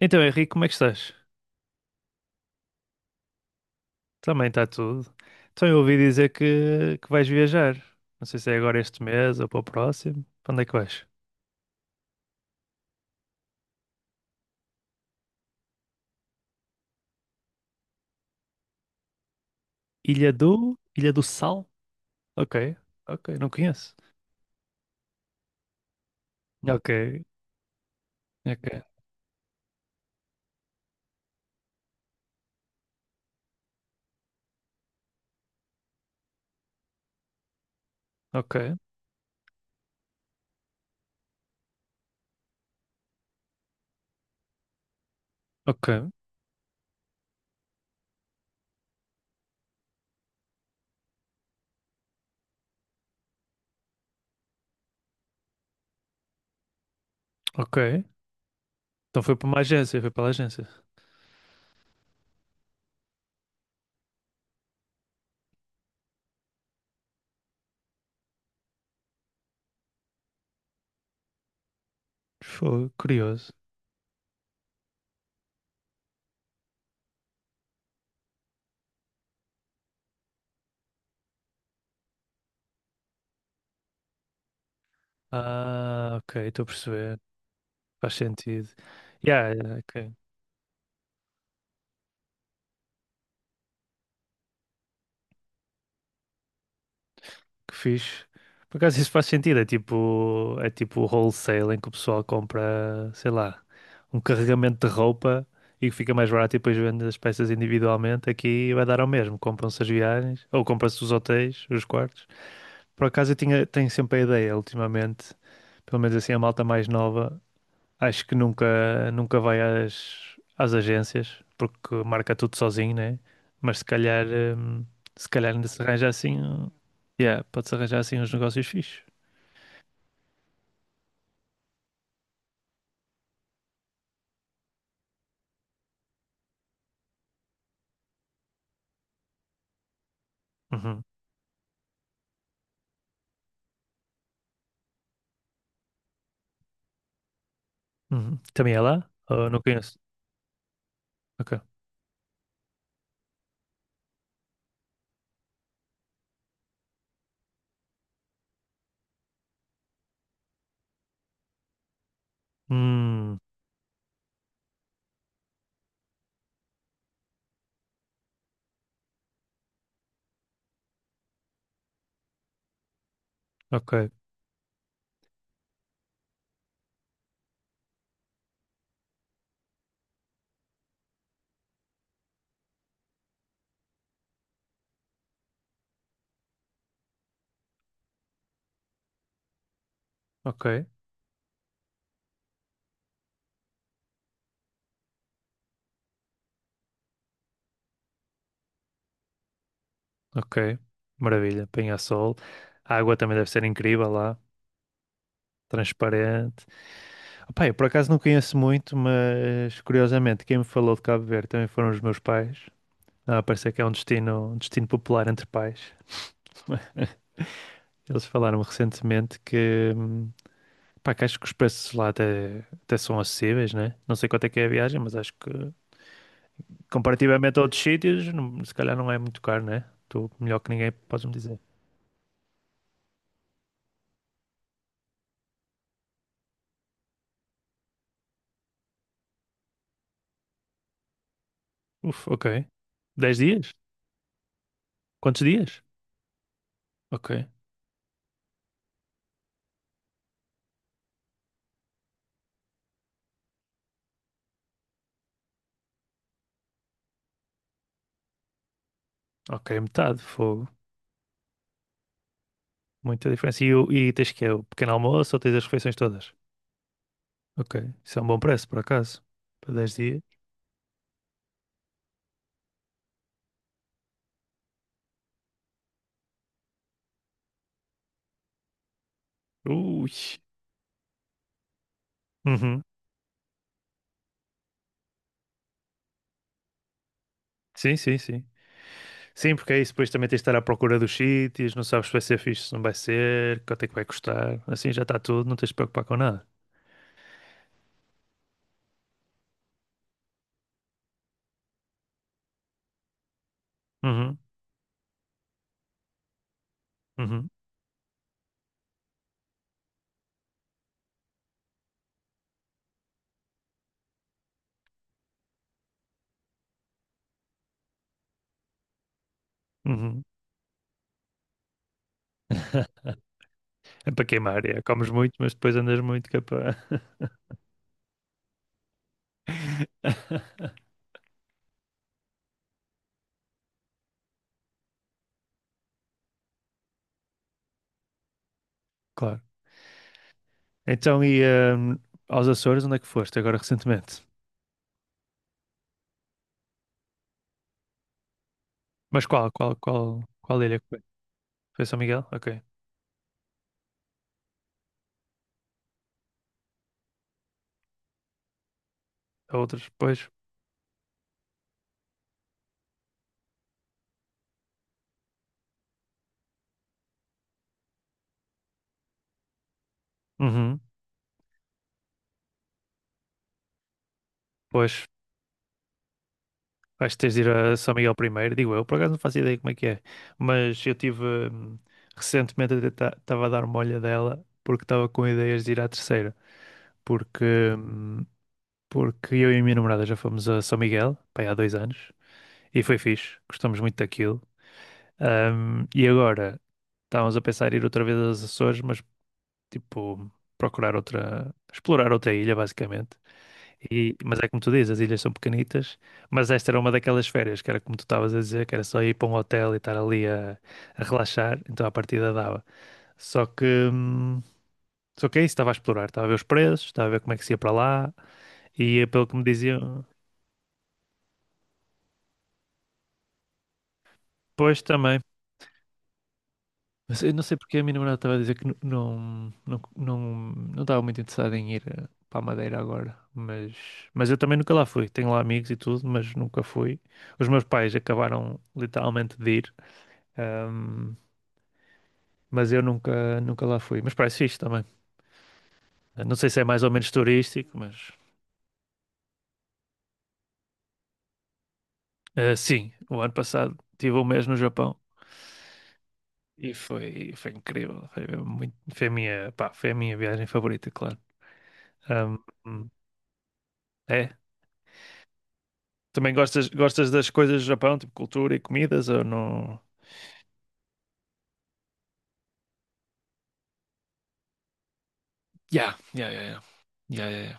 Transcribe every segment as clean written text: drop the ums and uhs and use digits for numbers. Então, Henrique, como é que estás? Também está tudo. Então, eu ouvi dizer que vais viajar. Não sei se é agora este mês ou para o próximo. Para onde é que vais? Ilha do Sal? Ok, ok, não conheço. Ok, ok, ok, ok, ok. Então foi para uma agência, foi pela agência. Foi curioso. Ah, ok, estou a perceber. Faz sentido. Yeah, yeah, ok. Que fixe. Por acaso isso faz sentido, é tipo wholesale em que o pessoal compra, sei lá, um carregamento de roupa e que fica mais barato e depois vende as peças individualmente. Aqui vai dar ao mesmo, compram-se as viagens ou compram-se os hotéis, os quartos. Por acaso eu tenho sempre a ideia, ultimamente, pelo menos assim a malta mais nova. Acho que nunca vai às agências, porque marca tudo sozinho, né? Mas se calhar ainda se arranja assim, yeah, pode-se arranjar assim uns negócios fixes. Uhum, uhum. Também é lá? Oh, não conheço. Ok. Hum, ok, ok, ok. Maravilha. Penha-Sol. A água também deve ser incrível lá. Transparente. Opá, eu por acaso não conheço muito, mas curiosamente quem me falou de Cabo Verde também foram os meus pais. Ah, parece que é um destino popular entre pais. Eles falaram recentemente pá, que acho que os preços lá até são acessíveis, né? Não sei quanto é que é a viagem, mas acho que comparativamente a outros sítios, se calhar não é muito caro, né? Tu, melhor que ninguém, podes-me dizer. Uf, ok. 10 dias? Quantos dias? Ok. Ok, metade, fogo. Muita diferença. E tens que é o pequeno almoço ou tens as refeições todas? Ok. Isso é um bom preço, por acaso. Para 10 dias. Ui. Uhum. Sim, sim, sim. Sim, porque é isso, depois também tens de estar à procura dos sítios, não sabes se vai ser fixe, se não vai ser, quanto é que vai custar, assim já está tudo, não tens de preocupar com nada. Uhum, uhum, uhum. É para queimar, é. Comes muito, mas depois andas muito que é para. Claro. Então, e hum, aos Açores, onde é que foste agora recentemente? Mas qual ilha é que foi? Foi São Miguel? Ok. A outras, pois. Uhum. Pois, vais ter de ir a São Miguel primeiro, digo eu, por acaso não faço ideia como é que é, mas eu tive recentemente estava a dar uma olhadela porque estava com ideias de ir à Terceira, porque, hum, porque eu e a minha namorada já fomos a São Miguel, pá, há 2 anos, e foi fixe, gostamos muito daquilo. E agora estávamos a pensar em ir outra vez aos Açores, mas tipo procurar outra, explorar outra ilha basicamente. Mas é como tu dizes, as ilhas são pequenitas, mas esta era uma daquelas férias que era como tu estavas a dizer, que era só ir para um hotel e estar ali a relaxar, então a partida dava. Só que, hum, só que é isso, estava a explorar, estava a ver os preços, estava a ver como é que se ia para lá, e pelo que me diziam, pois também. Mas eu não sei porque a minha namorada estava a dizer que não, não, não, não estava muito interessada em ir para a Madeira agora, mas eu também nunca lá fui. Tenho lá amigos e tudo, mas nunca fui. Os meus pais acabaram literalmente de ir. hum, mas eu nunca lá fui. Mas parece fixe também. Não sei se é mais ou menos turístico, mas sim, o ano passado tive um mês no Japão e foi incrível. Foi, mesmo muito, pá, foi a minha viagem favorita, claro. Ahm, hum, É. Também gostas das coisas do Japão, tipo cultura e comidas, ou não? Yeah, yeah, yeah, yeah. Yeah, yeah, yeah.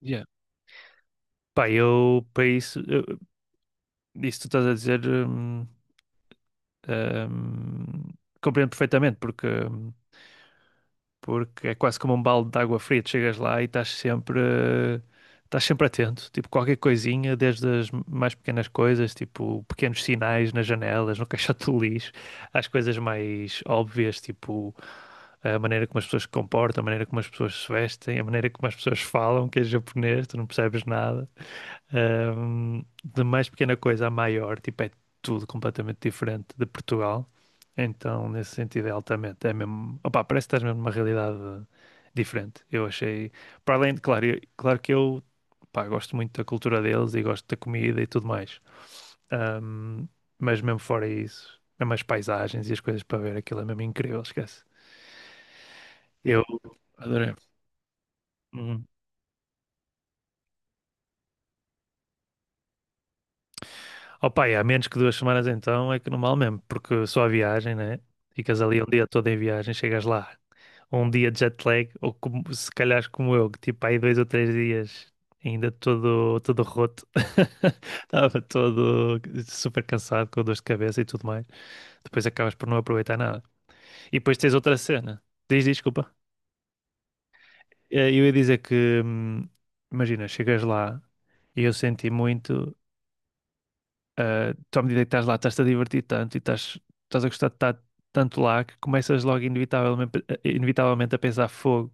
Yeah. Pá, eu, para isso, eu, isso que tu estás a dizer, hum, compreendo perfeitamente, porque é quase como um balde de água fria. Tu chegas lá e estás sempre atento, tipo qualquer coisinha, desde as mais pequenas coisas, tipo pequenos sinais nas janelas, no caixote do lixo, às coisas mais óbvias, tipo a maneira como as pessoas se comportam, a maneira como as pessoas se vestem, a maneira como as pessoas falam, que é japonês, tu não percebes nada. De mais pequena coisa a maior, tipo, é tudo completamente diferente de Portugal. Então, nesse sentido, é altamente. É mesmo, opá, parece que estás mesmo numa realidade diferente. Eu achei, para além de, claro que eu, pá, gosto muito da cultura deles e gosto da comida e tudo mais. Ahm, mas mesmo fora isso, mesmo as paisagens e as coisas para ver, aquilo é mesmo incrível, esquece. Eu adorei. Uhum. Opa, e há menos que 2 semanas então é que não vale mesmo, porque só a viagem, né? Ficas ali um dia todo em viagem, chegas lá, um dia de jet lag, ou como, se calhar como eu, que tipo aí 2 ou 3 dias ainda todo, todo roto, estava todo super cansado, com dor de cabeça e tudo mais. Depois acabas por não aproveitar nada. E depois tens outra cena. Diz, diz, desculpa. Eu ia dizer que, imagina, chegas lá e eu senti muito. Ah, tu, à medida que estás lá, estás-te a divertir tanto e estás a gostar de estar tanto lá que começas logo inevitavelmente a pensar, fogo,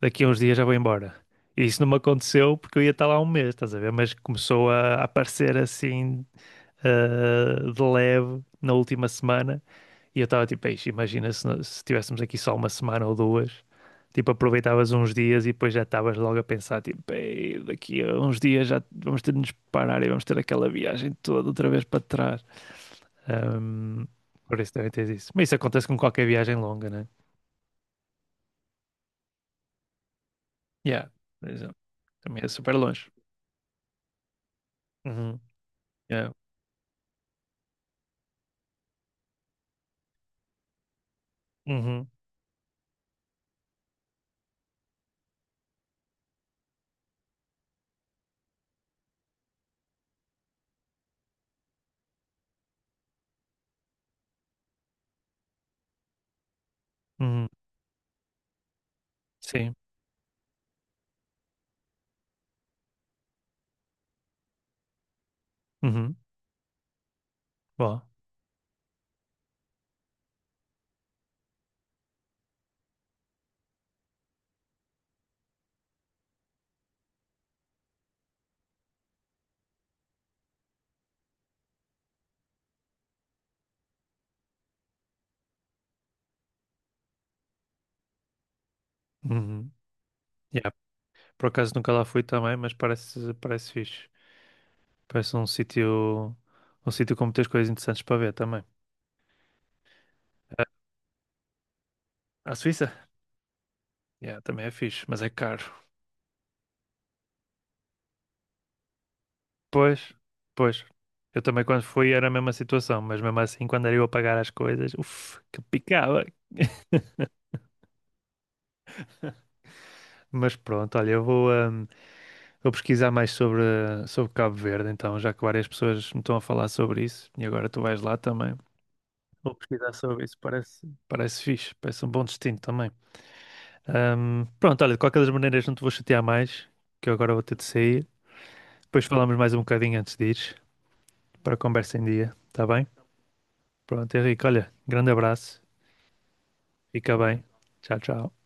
daqui a uns dias já vou embora. E isso não me aconteceu porque eu ia estar lá um mês, estás a ver? Mas começou a aparecer assim, ah, de leve na última semana e eu estava tipo, "Eixe, imagina se, se tivéssemos aqui só uma semana ou duas. Tipo, aproveitavas uns dias e depois já estavas logo a pensar, tipo, "Ei, daqui a uns dias já vamos ter de nos parar e vamos ter aquela viagem toda outra vez para trás. Ahm, por isso devem ter isso. Mas isso acontece com qualquer viagem longa, né? Yeah, por exemplo. Também é super longe. Uhum, yeah. Uhum, uhum, sim. Uhum, boa. Uhum, yeah. Por acaso nunca lá fui também, mas parece fixe. Parece um sítio, com muitas coisas interessantes para ver também. Ah, a Suíça? Yeah, também é fixe, mas é caro. Pois, pois. Eu também quando fui era a mesma situação, mas mesmo assim quando era eu a pagar as coisas, uff, que picava. Mas pronto, olha, vou pesquisar mais sobre Cabo Verde, então, já que várias pessoas me estão a falar sobre isso e agora tu vais lá também. Vou pesquisar sobre isso, parece fixe, parece um bom destino também. Pronto, olha, de qualquer das maneiras não te vou chatear mais, que eu agora vou ter de sair. Depois falamos mais um bocadinho antes de ires, para a conversa em dia, tá bem? Pronto, Henrique, olha, grande abraço, fica bem, tchau, tchau.